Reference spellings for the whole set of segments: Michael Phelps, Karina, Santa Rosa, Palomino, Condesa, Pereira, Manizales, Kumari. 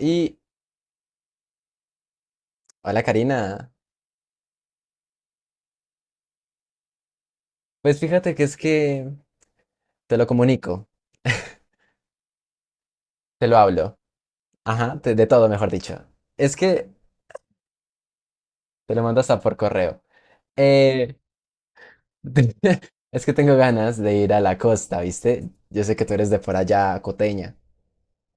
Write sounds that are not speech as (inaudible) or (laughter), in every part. Y hola, Karina. Pues fíjate que es que te lo comunico, te lo hablo. Ajá, de todo, mejor dicho. Es que te lo mandas a por correo. Eh, (laughs) es que tengo ganas de ir a la costa, ¿viste? Yo sé que tú eres de por allá, coteña.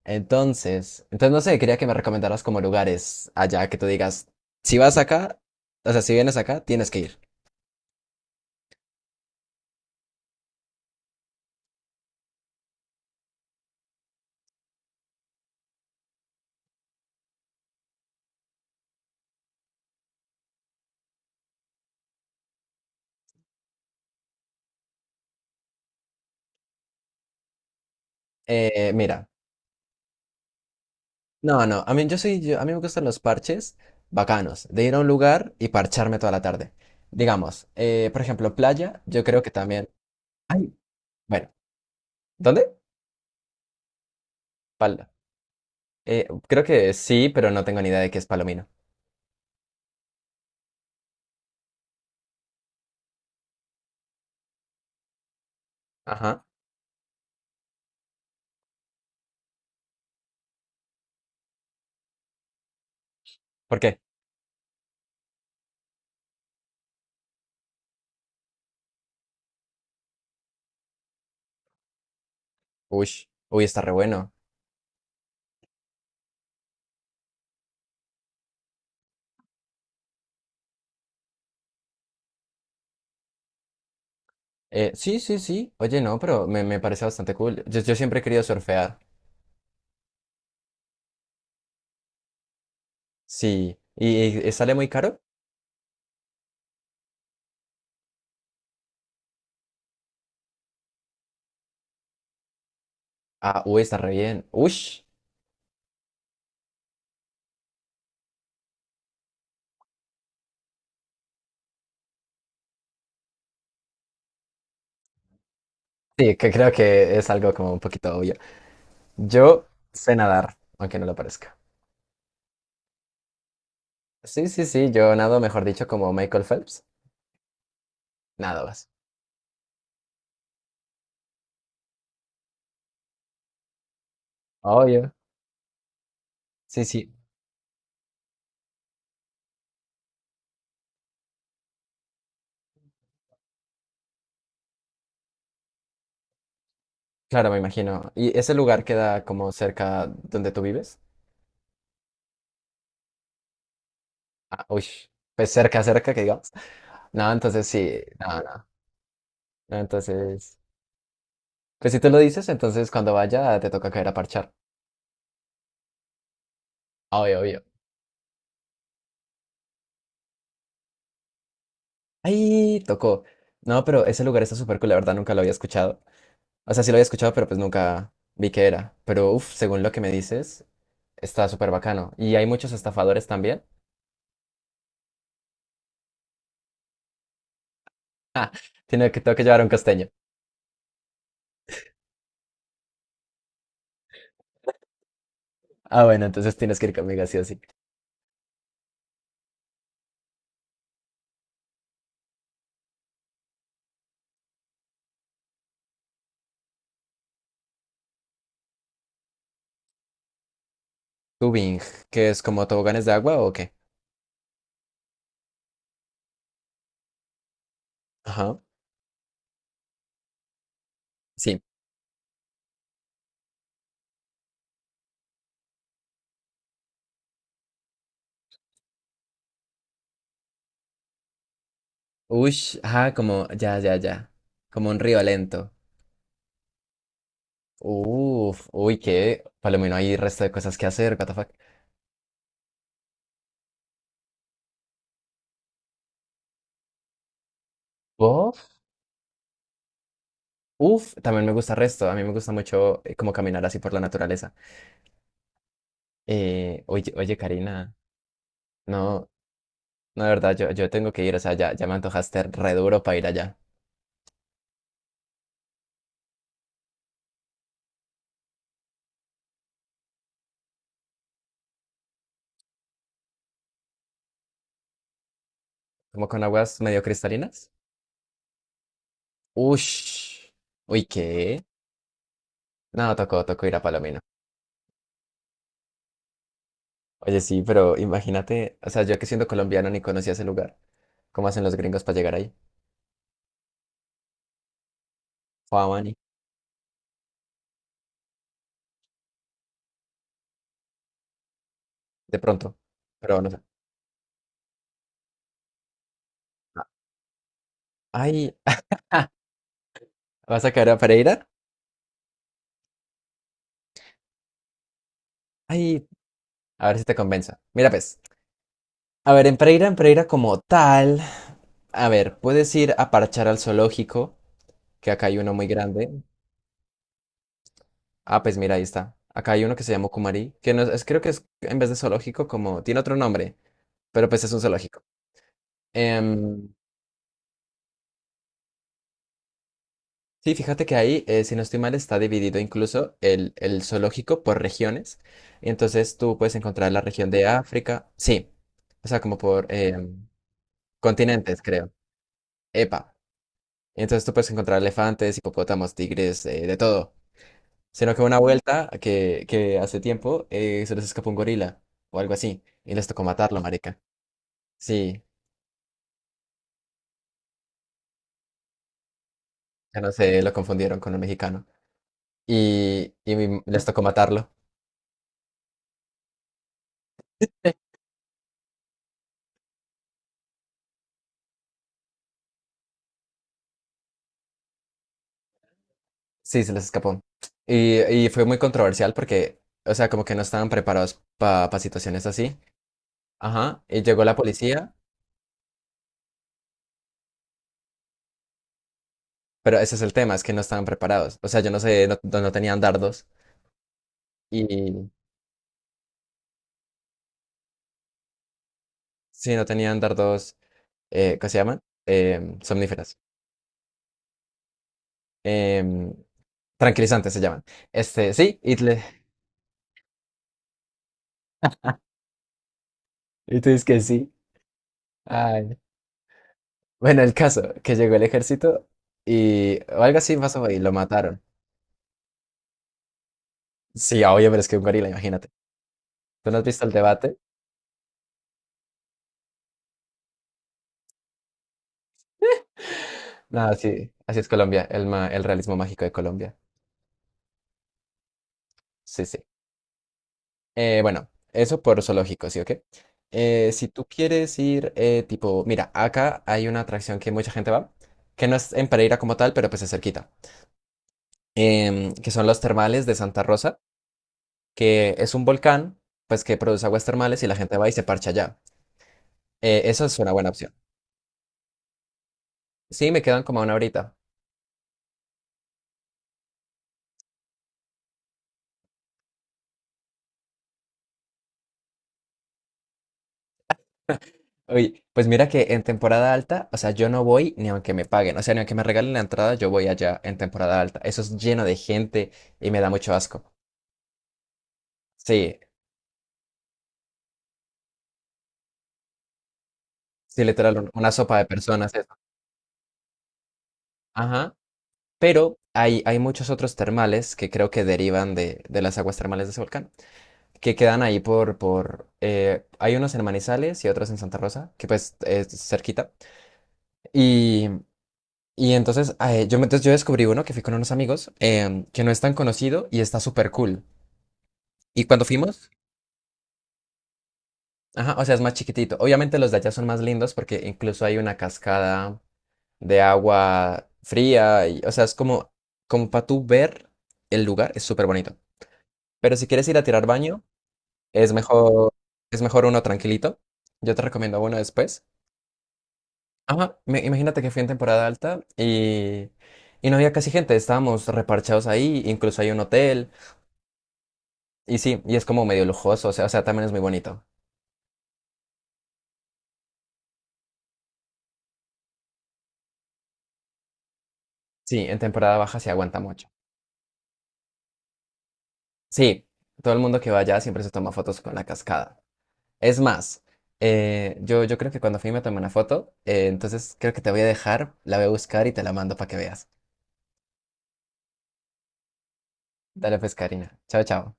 Entonces no sé, quería que me recomendaras como lugares allá que tú digas, si vas acá, o sea, si vienes acá, tienes que ir. Mira. No, no, a mí, yo soy, a mí me gustan los parches bacanos, de ir a un lugar y parcharme toda la tarde. Digamos, por ejemplo, playa, yo creo que también. Ay, bueno, ¿dónde? Pal- creo que sí, pero no tengo ni idea de qué es Palomino. Ajá. ¿Por qué? Uy, uy, está re bueno. Sí, sí, sí. Oye, no, pero me parece bastante cool. Yo siempre he querido surfear. Sí. Y sale muy caro? Ah, uy, está re bien. Uy. Sí, que creo que es algo como un poquito obvio. Yo sé nadar, aunque no lo parezca. Sí, sí, sí, yo nado, mejor dicho, como Michael Phelps. Nada. Obvio. Sí, sí, claro, me imagino. Ese lugar queda como cerca donde tú vives? Ah, uy, pues cerca, cerca, que digamos. No, entonces sí, no, no, no. Entonces, pues si tú lo dices, entonces cuando vaya te toca caer a parchar. Obvio, obvio. Ay, tocó. No, pero ese lugar está súper cool, la verdad nunca lo había escuchado. O sea, sí lo había escuchado, pero pues nunca vi qué era. Pero uff, según lo que me dices, está súper bacano. Y hay muchos estafadores también. (laughs) Ah, tiene que, tengo que llevar un costeño. Ah, bueno, entonces tienes que ir conmigo, sí o sí. Tubing, ¿que es como toboganes de agua o qué? Ajá. Sí. Ush, ajá, como, ya, ya, ya. Como un río lento. Uf, uy, qué. Palomino, hay resto de cosas que hacer, what the fuck. Uf, uf, también me gusta resto. A mí me gusta mucho como caminar así por la naturaleza. Oye, Karina. No, no, de verdad, yo tengo que ir, o sea, ya, ya me antojaste re duro para ir allá. ¿Como con aguas medio cristalinas? Ush. Uy, ¿qué? No, tocó, tocó ir a Palomino. Oye, sí, pero imagínate, o sea, yo que siendo colombiano ni conocía ese lugar. ¿Cómo hacen los gringos para llegar ahí? Juan, de pronto. Pero no sé. Ah, ay, ¿vas a caer a Pereira? Ay, a ver si te convenza. Mira, pues. A ver, en Pereira como tal. A ver, puedes ir a parchar al zoológico, que acá hay uno muy grande. Ah, pues mira, ahí está. Acá hay uno que se llama Kumari, que no creo que es en vez de zoológico, como tiene otro nombre, pero pues es un zoológico. Em, sí, fíjate que ahí, si no estoy mal, está dividido incluso el zoológico por regiones. Y entonces tú puedes encontrar la región de África, sí, o sea, como por continentes, creo. Epa. Y entonces tú puedes encontrar elefantes, hipopótamos, tigres, de todo. Sino que una vuelta que hace tiempo se les escapó un gorila o algo así y les tocó matarlo, marica. Sí, ya no sé, lo confundieron con un mexicano. Les tocó matarlo. Sí, se les escapó. Y fue muy controversial porque, o sea, como que no estaban preparados para situaciones así. Ajá, y llegó la policía, pero ese es el tema, es que no estaban preparados. O sea, yo no sé, no tenían dardos. Y sí, no tenían dardos, ¿qué se llaman? Somníferas. Em, tranquilizantes se llaman. Este, sí, (laughs) y tú dices que sí. Ay. Bueno, el caso, que llegó el ejército y o algo así pasó y lo mataron. Sí, obvio, pero es que un gorila, imagínate. ¿Tú no has visto el debate? Nada, sí, así es Colombia, el realismo mágico de Colombia. Sí, sí. Bueno, eso por zoológico, ¿sí o qué? Si tú quieres ir, tipo, mira, acá hay una atracción que mucha gente va, que no es en Pereira como tal, pero pues es cerquita, que son los termales de Santa Rosa, que es un volcán, pues que produce aguas termales y la gente va y se parcha allá. Esa es una buena opción. Sí, me quedan como una horita. Oye, pues mira que en temporada alta, o sea, yo no voy ni aunque me paguen, o sea, ni aunque me regalen la entrada, yo voy allá en temporada alta. Eso es lleno de gente y me da mucho asco. Sí, sí, literal, una sopa de personas, eso. Ajá. Pero hay muchos otros termales que creo que derivan de las aguas termales de ese volcán, que quedan ahí por, hay unos en Manizales y otros en Santa Rosa, que pues es cerquita. Y entonces, entonces yo descubrí uno que fui con unos amigos que no es tan conocido y está súper cool. Y cuando fuimos, ajá, o sea, es más chiquitito. Obviamente los de allá son más lindos porque incluso hay una cascada de agua fría. Y, o sea, es como, como para tú ver el lugar, es súper bonito. Pero si quieres ir a tirar baño, es mejor, es mejor uno tranquilito. Yo te recomiendo uno después. Ajá, imagínate que fui en temporada alta y no había casi gente. Estábamos reparchados ahí, incluso hay un hotel. Y sí, y es como medio lujoso, o sea, también es muy bonito. Sí, en temporada baja se aguanta mucho. Sí, todo el mundo que va allá siempre se toma fotos con la cascada. Es más, yo creo que cuando fui me tomé una foto, entonces creo que te voy a dejar, la voy a buscar y te la mando para que veas. Dale pues, Karina. Chao, chao.